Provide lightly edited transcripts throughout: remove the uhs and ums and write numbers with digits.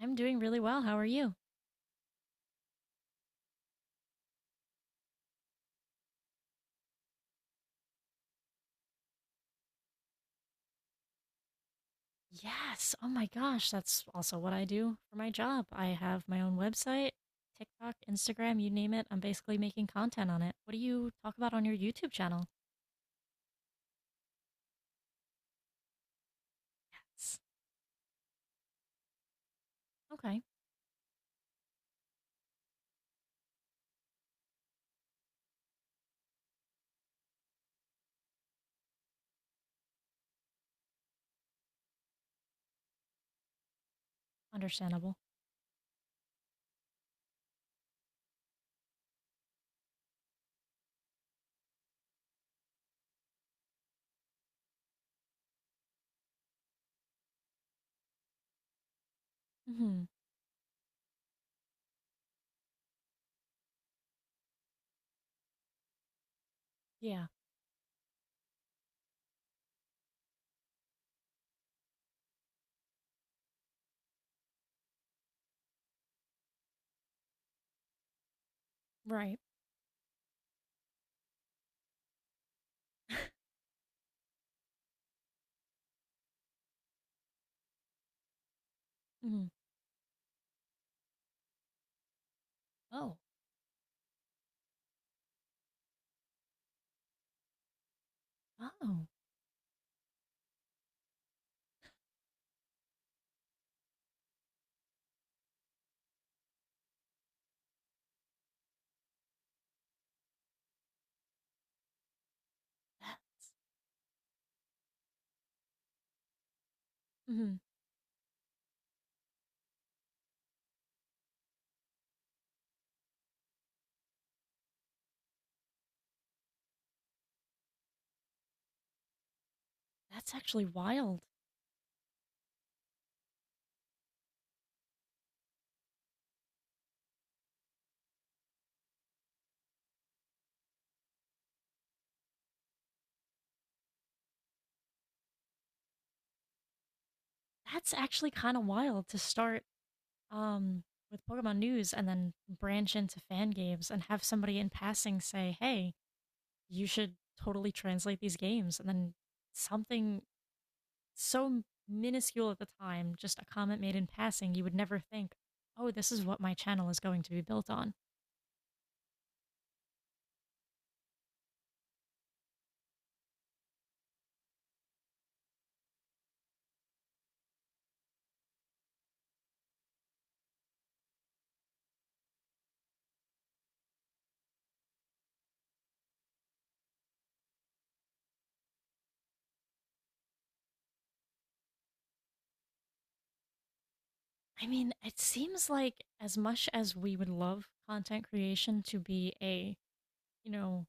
I'm doing really well. How are you? Yes. Oh my gosh. That's also what I do for my job. I have my own website, TikTok, Instagram, you name it. I'm basically making content on it. What do you talk about on your YouTube channel? That's- okay. Understandable. Hmm. Yeah. Right. Hmm. Oh. Oh. That, hmm. That's actually wild. That's actually kind of wild to start um with Pokemon news and then branch into fan games and have somebody in passing say, hey, you should totally translate these games. And then something so minuscule at the time, just a comment made in passing, you would never think, oh, this is what my channel is going to be built on. I mean, it seems like as much as we would love content creation to be a, you know,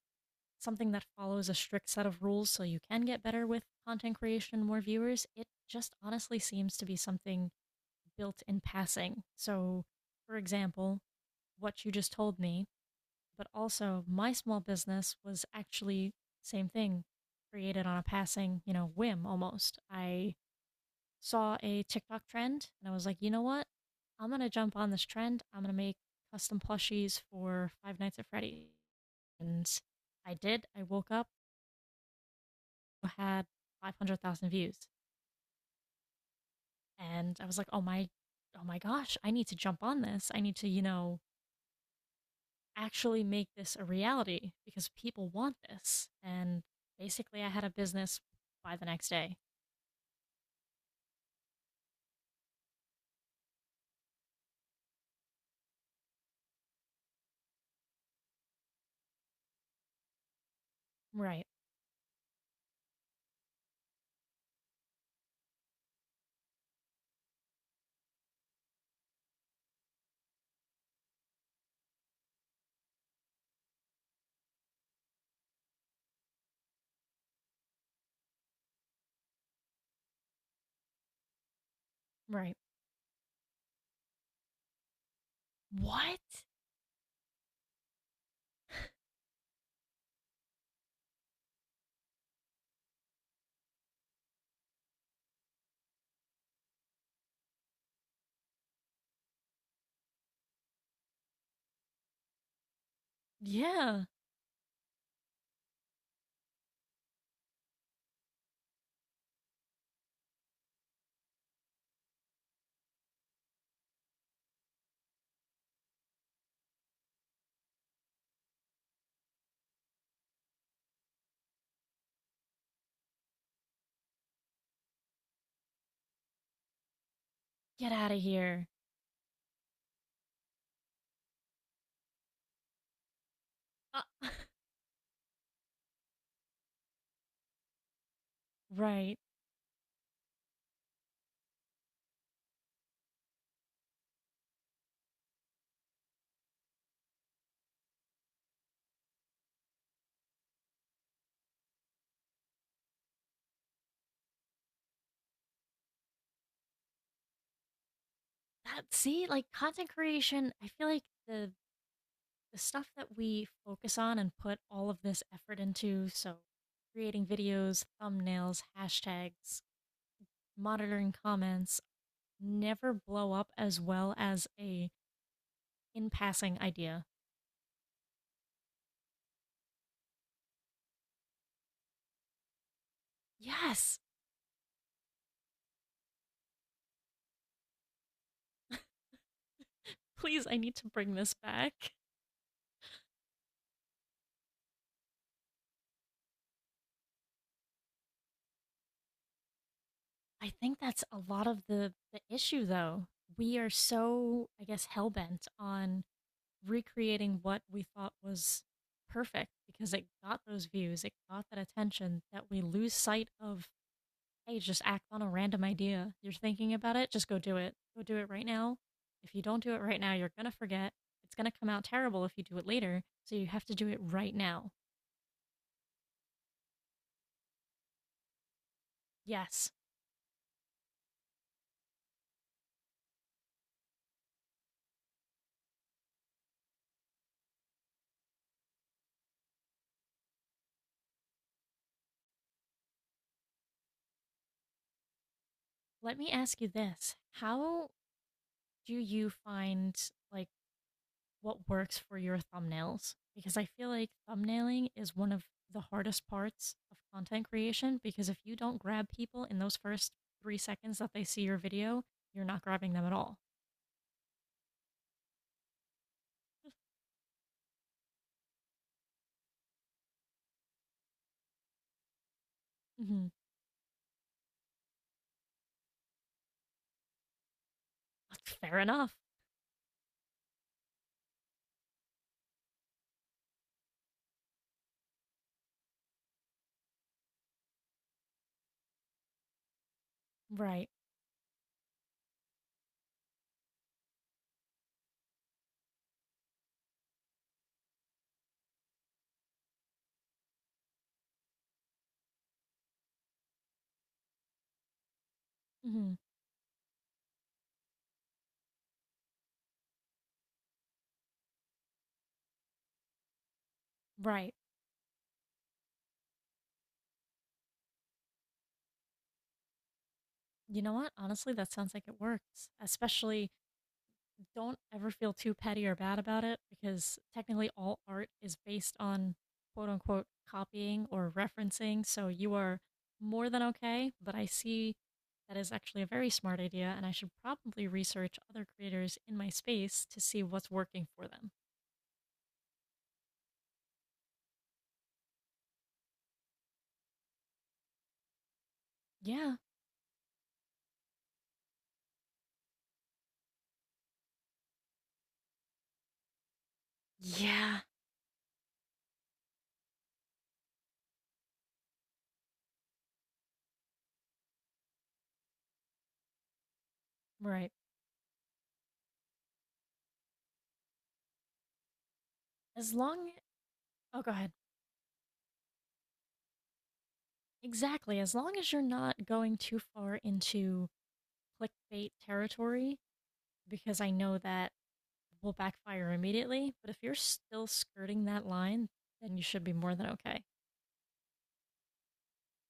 something that follows a strict set of rules so you can get better with content creation and more viewers, it just honestly seems to be something built in passing. So, for example, what you just told me, but also my small business was actually same thing, created on a passing, whim almost. I saw a TikTok trend and I was like, you know what? I'm gonna jump on this trend. I'm gonna make custom plushies for Five Nights at Freddy's. And I did. I woke up, had 500,000 views. And I was like, oh my, oh my gosh, I need to jump on this. I need to, actually make this a reality because people want this. And basically, I had a business by the next day. Right. Right. What? Yeah. Get out of here. Uh, Right. That see, like content creation, I feel like the stuff that we focus on and put all of this effort into, so creating videos, thumbnails, hashtags, monitoring comments, never blow up as well as a in passing idea. Yes. Please, I need to bring this back. I think that's a lot of the issue, though. We are so, I guess, hell bent on recreating what we thought was perfect because it got those views, it got that attention that we lose sight of, hey, just act on a random idea. You're thinking about it, just go do it. Go do it right now. If you don't do it right now, you're going to forget. It's going to come out terrible if you do it later. So you have to do it right now. Yes. Let me ask you this. How do you find, like, what works for your thumbnails? Because I feel like thumbnailing is one of the hardest parts of content creation because if you don't grab people in those first 3 seconds that they see your video, you're not grabbing them at all. Hmm. Fair enough. Right. Hmm. Right. You know what? Honestly, that sounds like it works, especially don't ever feel too petty or bad about it because technically all art is based on quote unquote copying or referencing. So you are more than okay. But I see that is actually a very smart idea, and I should probably research other creators in my space to see what's working for them. Yeah. Yeah. Right. As long, oh, go ahead. Exactly. As long as you're not going too far into clickbait territory, because I know that will backfire immediately. But if you're still skirting that line, then you should be more than okay.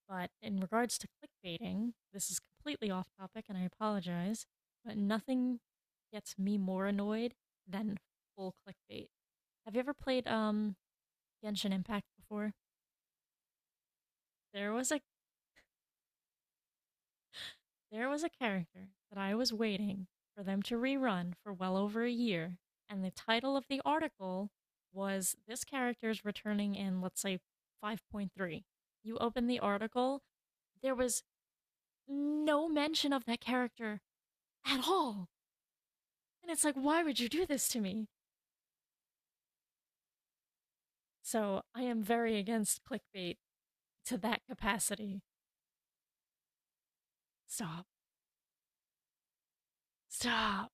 But in regards to clickbaiting, this is completely off topic and I apologize, but nothing gets me more annoyed than full clickbait. Have you ever played Genshin Impact before? There was a- There was a character that I was waiting for them to rerun for well over a year, and the title of the article was This Character's returning in, let's say, 5.3. You open the article, there was no mention of that character at all. And it's like, why would you do this to me? So I am very against clickbait to that capacity. Stop. Stop.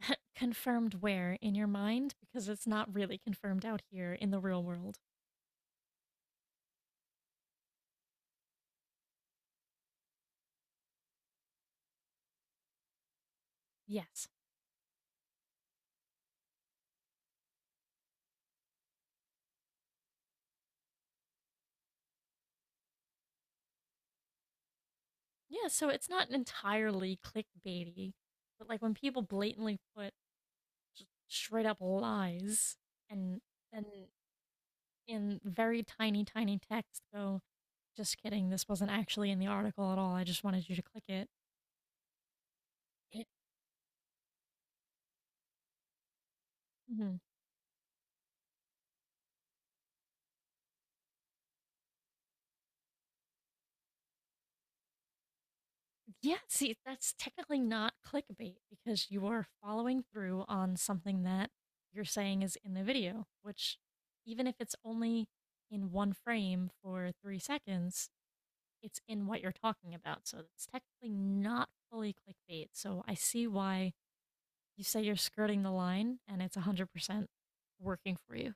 Confirmed where in your mind? Because it's not really confirmed out here in the real world. Yes. Yeah, so it's not entirely clickbaity, but like when people blatantly put straight up lies and and in very tiny, tiny text go, just kidding, this wasn't actually in the article at all. I just wanted you to click it. It mhm. Yeah, see, that's technically not clickbait because you are following through on something that you're saying is in the video, which even if it's only in one frame for 3 seconds, it's in what you're talking about, so it's technically not fully clickbait. So I see why you say you're skirting the line and it's 100% working for you.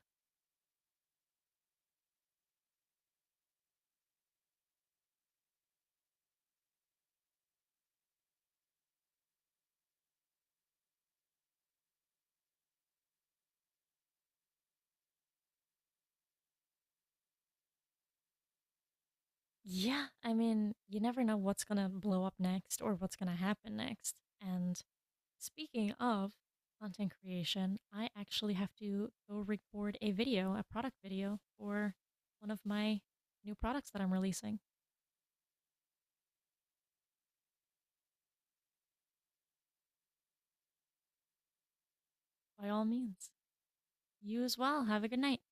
Yeah, I mean, you never know what's going to blow up next or what's going to happen next. And speaking of content creation, I actually have to go record a video, a product video for one of my new products that I'm releasing. By all means, you as well. Have a good night.